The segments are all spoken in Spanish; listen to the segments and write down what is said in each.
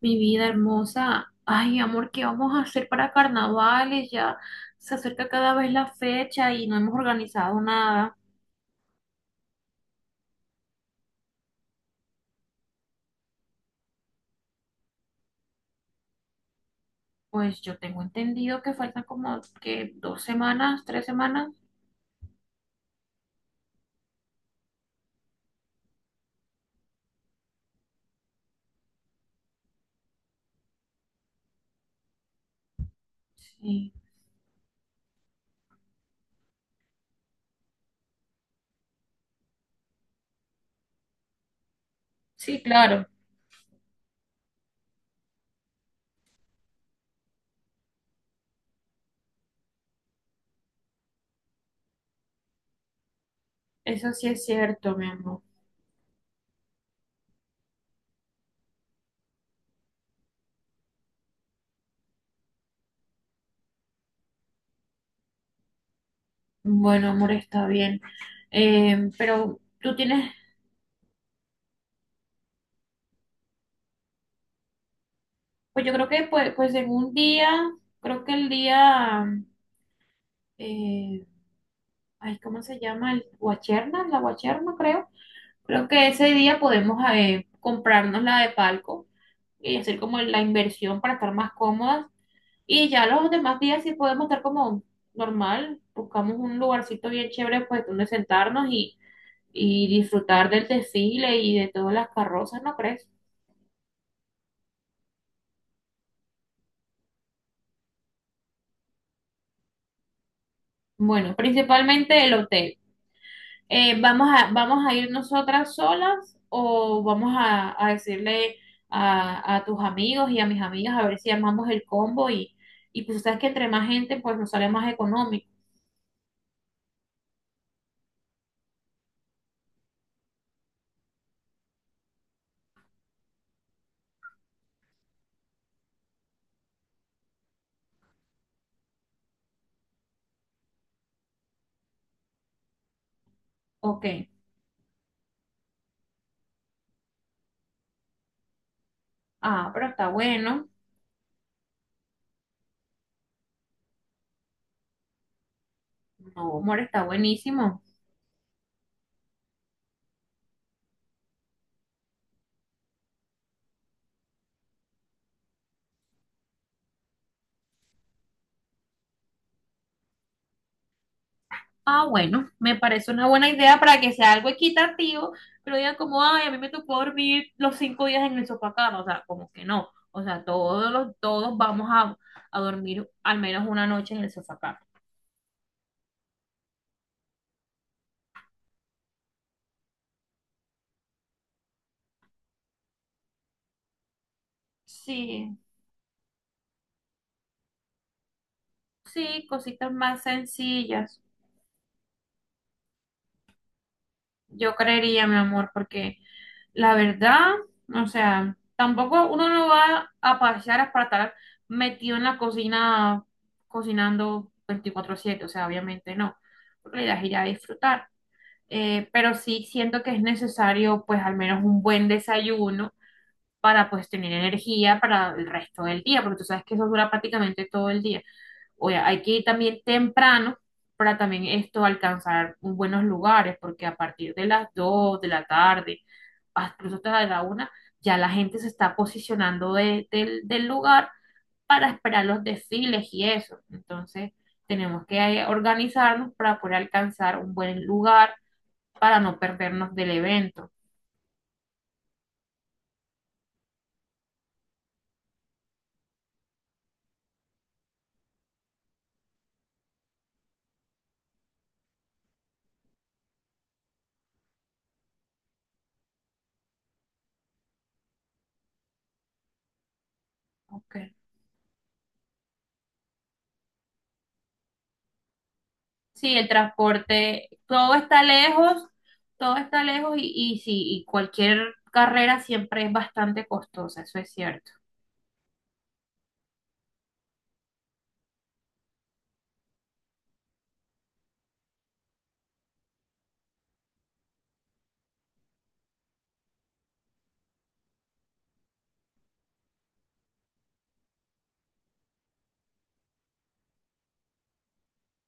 Mi vida hermosa, ay amor, ¿qué vamos a hacer para carnavales? Ya se acerca cada vez la fecha y no hemos organizado nada. Pues yo tengo entendido que faltan como que 2 semanas, 3 semanas. Sí, sí, claro, eso sí es cierto, mi amor. Bueno, amor, está bien. Pero tú tienes, pues yo creo que pues en un día, creo que el día, eh, ay, ¿cómo se llama? El guacherna, la guacherna, creo. Creo que ese día podemos comprarnos la de palco y hacer como la inversión para estar más cómodas. Y ya los demás días sí podemos estar como normal, buscamos un lugarcito bien chévere pues donde sentarnos y disfrutar del desfile y de todas las carrozas, ¿no crees? Bueno, principalmente el hotel. Vamos a ir nosotras solas o vamos a decirle a tus amigos y a mis amigas a ver si armamos el combo y pues sabes que entre más gente pues nos sale más económico. Ok, ah, pero está bueno. No, amor, está buenísimo. Ah, bueno, me parece una buena idea para que sea algo equitativo, pero digan como, ay, a mí me tocó dormir los 5 días en el sofá cama, o sea, como que no. O sea, todos vamos a dormir al menos una noche en el sofá cama. Sí, sí, cositas más sencillas, yo creería, mi amor, porque la verdad, o sea, tampoco uno no va a pasear para estar metido en la cocina cocinando 24/7. O sea, obviamente no, porque la idea es ir a disfrutar. Pero sí siento que es necesario, pues, al menos un buen desayuno para, pues, tener energía para el resto del día, porque tú sabes que eso dura prácticamente todo el día. O hay que ir también temprano para también esto alcanzar buenos lugares, porque a partir de las 2 de la tarde, incluso hasta la 1, ya la gente se está posicionando del lugar para esperar los desfiles y eso. Entonces, tenemos que organizarnos para poder alcanzar un buen lugar para no perdernos del evento. Ok. Sí, el transporte, todo está lejos y sí, y cualquier carrera siempre es bastante costosa, eso es cierto.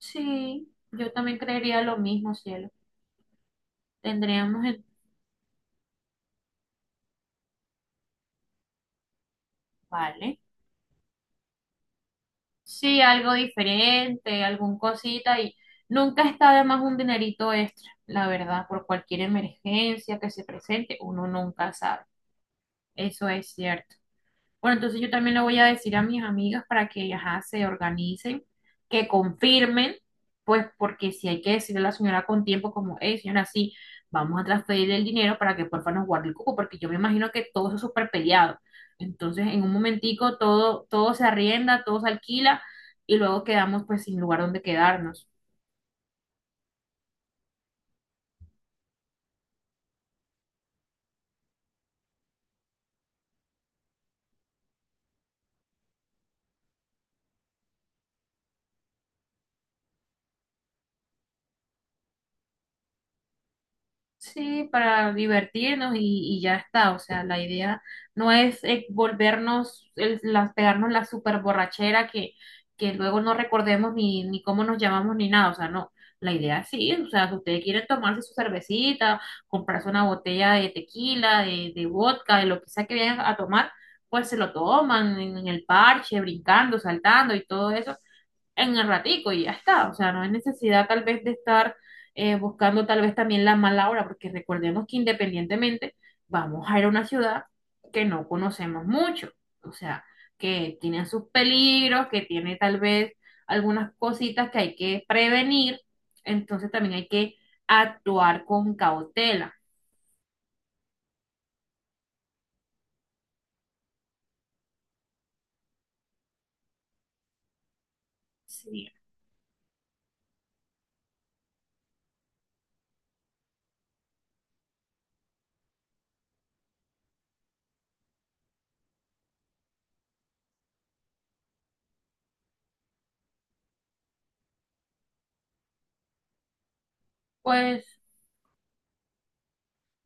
Sí, yo también creería lo mismo, cielo. Tendríamos el... Vale. Sí, algo diferente, algún cosita y nunca está de más un dinerito extra, la verdad, por cualquier emergencia que se presente, uno nunca sabe. Eso es cierto. Bueno, entonces yo también le voy a decir a mis amigas para que, ajá, se organicen, que confirmen, pues porque si hay que decirle a la señora con tiempo, como, hey, señora, sí, vamos a transferirle el dinero para que porfa nos guarde el cupo, porque yo me imagino que todo eso es súper peleado. Entonces, en un momentico todo, se arrienda, todo se alquila y luego quedamos pues sin lugar donde quedarnos. Sí, para divertirnos y ya está. O sea, la idea no es volvernos, pegarnos la super borrachera que luego no recordemos ni cómo nos llamamos ni nada. O sea, no. La idea sí, o sea, si ustedes quieren tomarse su cervecita, comprarse una botella de tequila, de vodka, de lo que sea que vayan a tomar, pues se lo toman en el parche, brincando, saltando y todo eso en el ratico y ya está. O sea, no hay necesidad tal vez de estar buscando tal vez también la mala hora, porque recordemos que independientemente vamos a ir a una ciudad que no conocemos mucho, o sea, que tiene sus peligros, que tiene tal vez algunas cositas que hay que prevenir, entonces también hay que actuar con cautela. Sí. Pues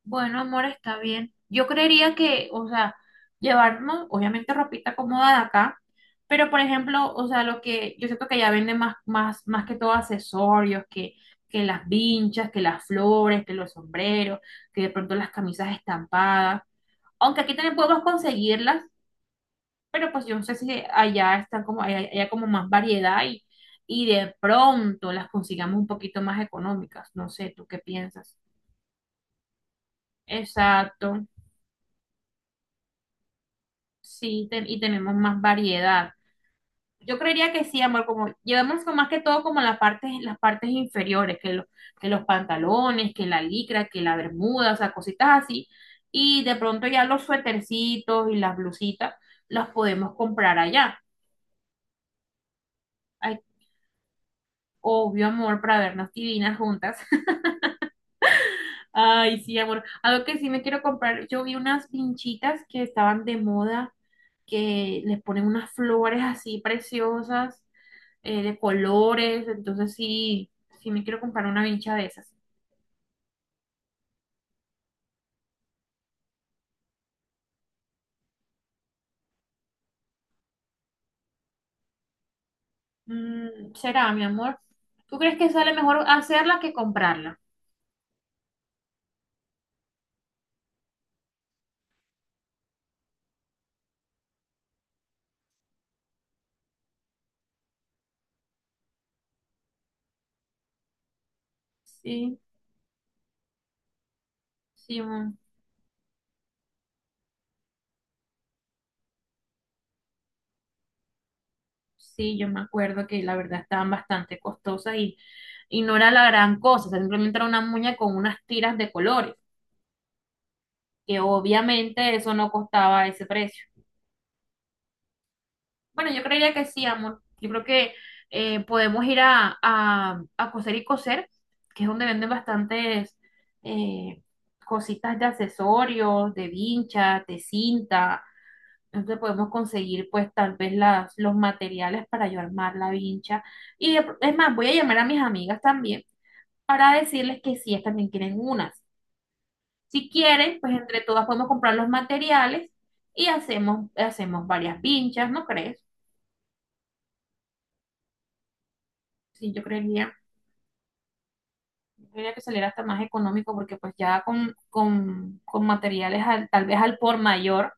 bueno, amor, está bien. Yo creería que, o sea, llevarnos, obviamente, ropita cómoda de acá, pero por ejemplo, o sea, lo que yo siento que ya venden más que todo accesorios, que las vinchas, que las flores, que los sombreros, que de pronto las camisas estampadas. Aunque aquí también podemos conseguirlas, pero pues yo no sé si allá están como, como más variedad y de pronto las consigamos un poquito más económicas. No sé, ¿tú qué piensas? Exacto. Sí, y tenemos más variedad. Yo creería que sí, amor, como llevamos más que todo como las partes inferiores, que los pantalones, que la licra, que la bermuda, o sea, cositas así. Y de pronto ya los suétercitos y las blusitas las podemos comprar allá. Ay, obvio, amor, para vernos divinas juntas. Ay, sí, amor. Algo que sí me quiero comprar, yo vi unas pinchitas que estaban de moda, que les ponen unas flores así preciosas. De colores, entonces sí, sí me quiero comprar una vincha de esas. Mm, será, mi amor. ¿Tú crees que sale mejor hacerla que comprarla? Sí, sí, mm, sí, yo me acuerdo que la verdad estaban bastante costosas y no era la gran cosa, o sea, simplemente era una muña con unas tiras de colores, que obviamente eso no costaba ese precio. Bueno, yo creería que sí, amor. Yo creo que podemos ir a Coser y Coser, que es donde venden bastantes eh, cositas de accesorios, de vinchas, de cinta. Entonces podemos conseguir pues tal vez los materiales para yo armar la vincha. Y es más, voy a llamar a mis amigas también para decirles que si ellas también quieren unas. Si quieren, pues entre todas podemos comprar los materiales y hacemos varias vinchas, ¿no crees? Sí, yo creería. Tendría que salir hasta más económico porque pues ya con materiales tal vez al por mayor,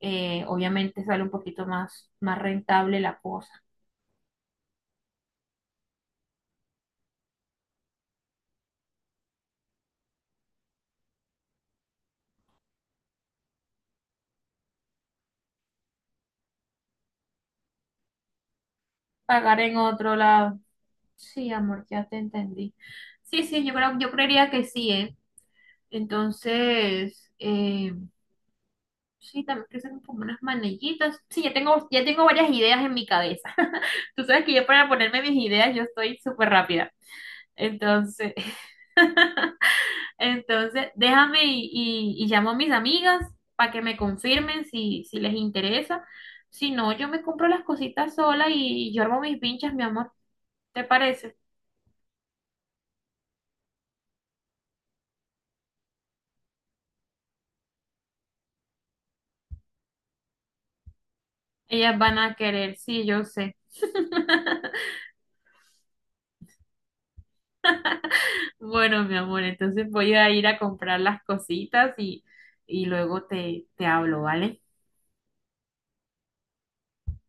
obviamente sale un poquito más rentable la cosa. Pagar en otro lado. Sí, amor, ya te entendí. Sí, sí, yo creería que sí, ¿eh? Entonces, sí, también que hacer como unas manillitas. Sí, ya tengo varias ideas en mi cabeza. Tú sabes que yo para ponerme mis ideas yo estoy súper rápida. Entonces. Entonces, déjame y llamo a mis amigas para que me confirmen si les interesa. Si no, yo me compro las cositas sola y yo armo mis pinchas, mi amor. ¿Te parece? Ellas van a querer, sí, yo sé. Bueno, mi amor, entonces voy a ir a comprar las cositas y luego te hablo, ¿vale?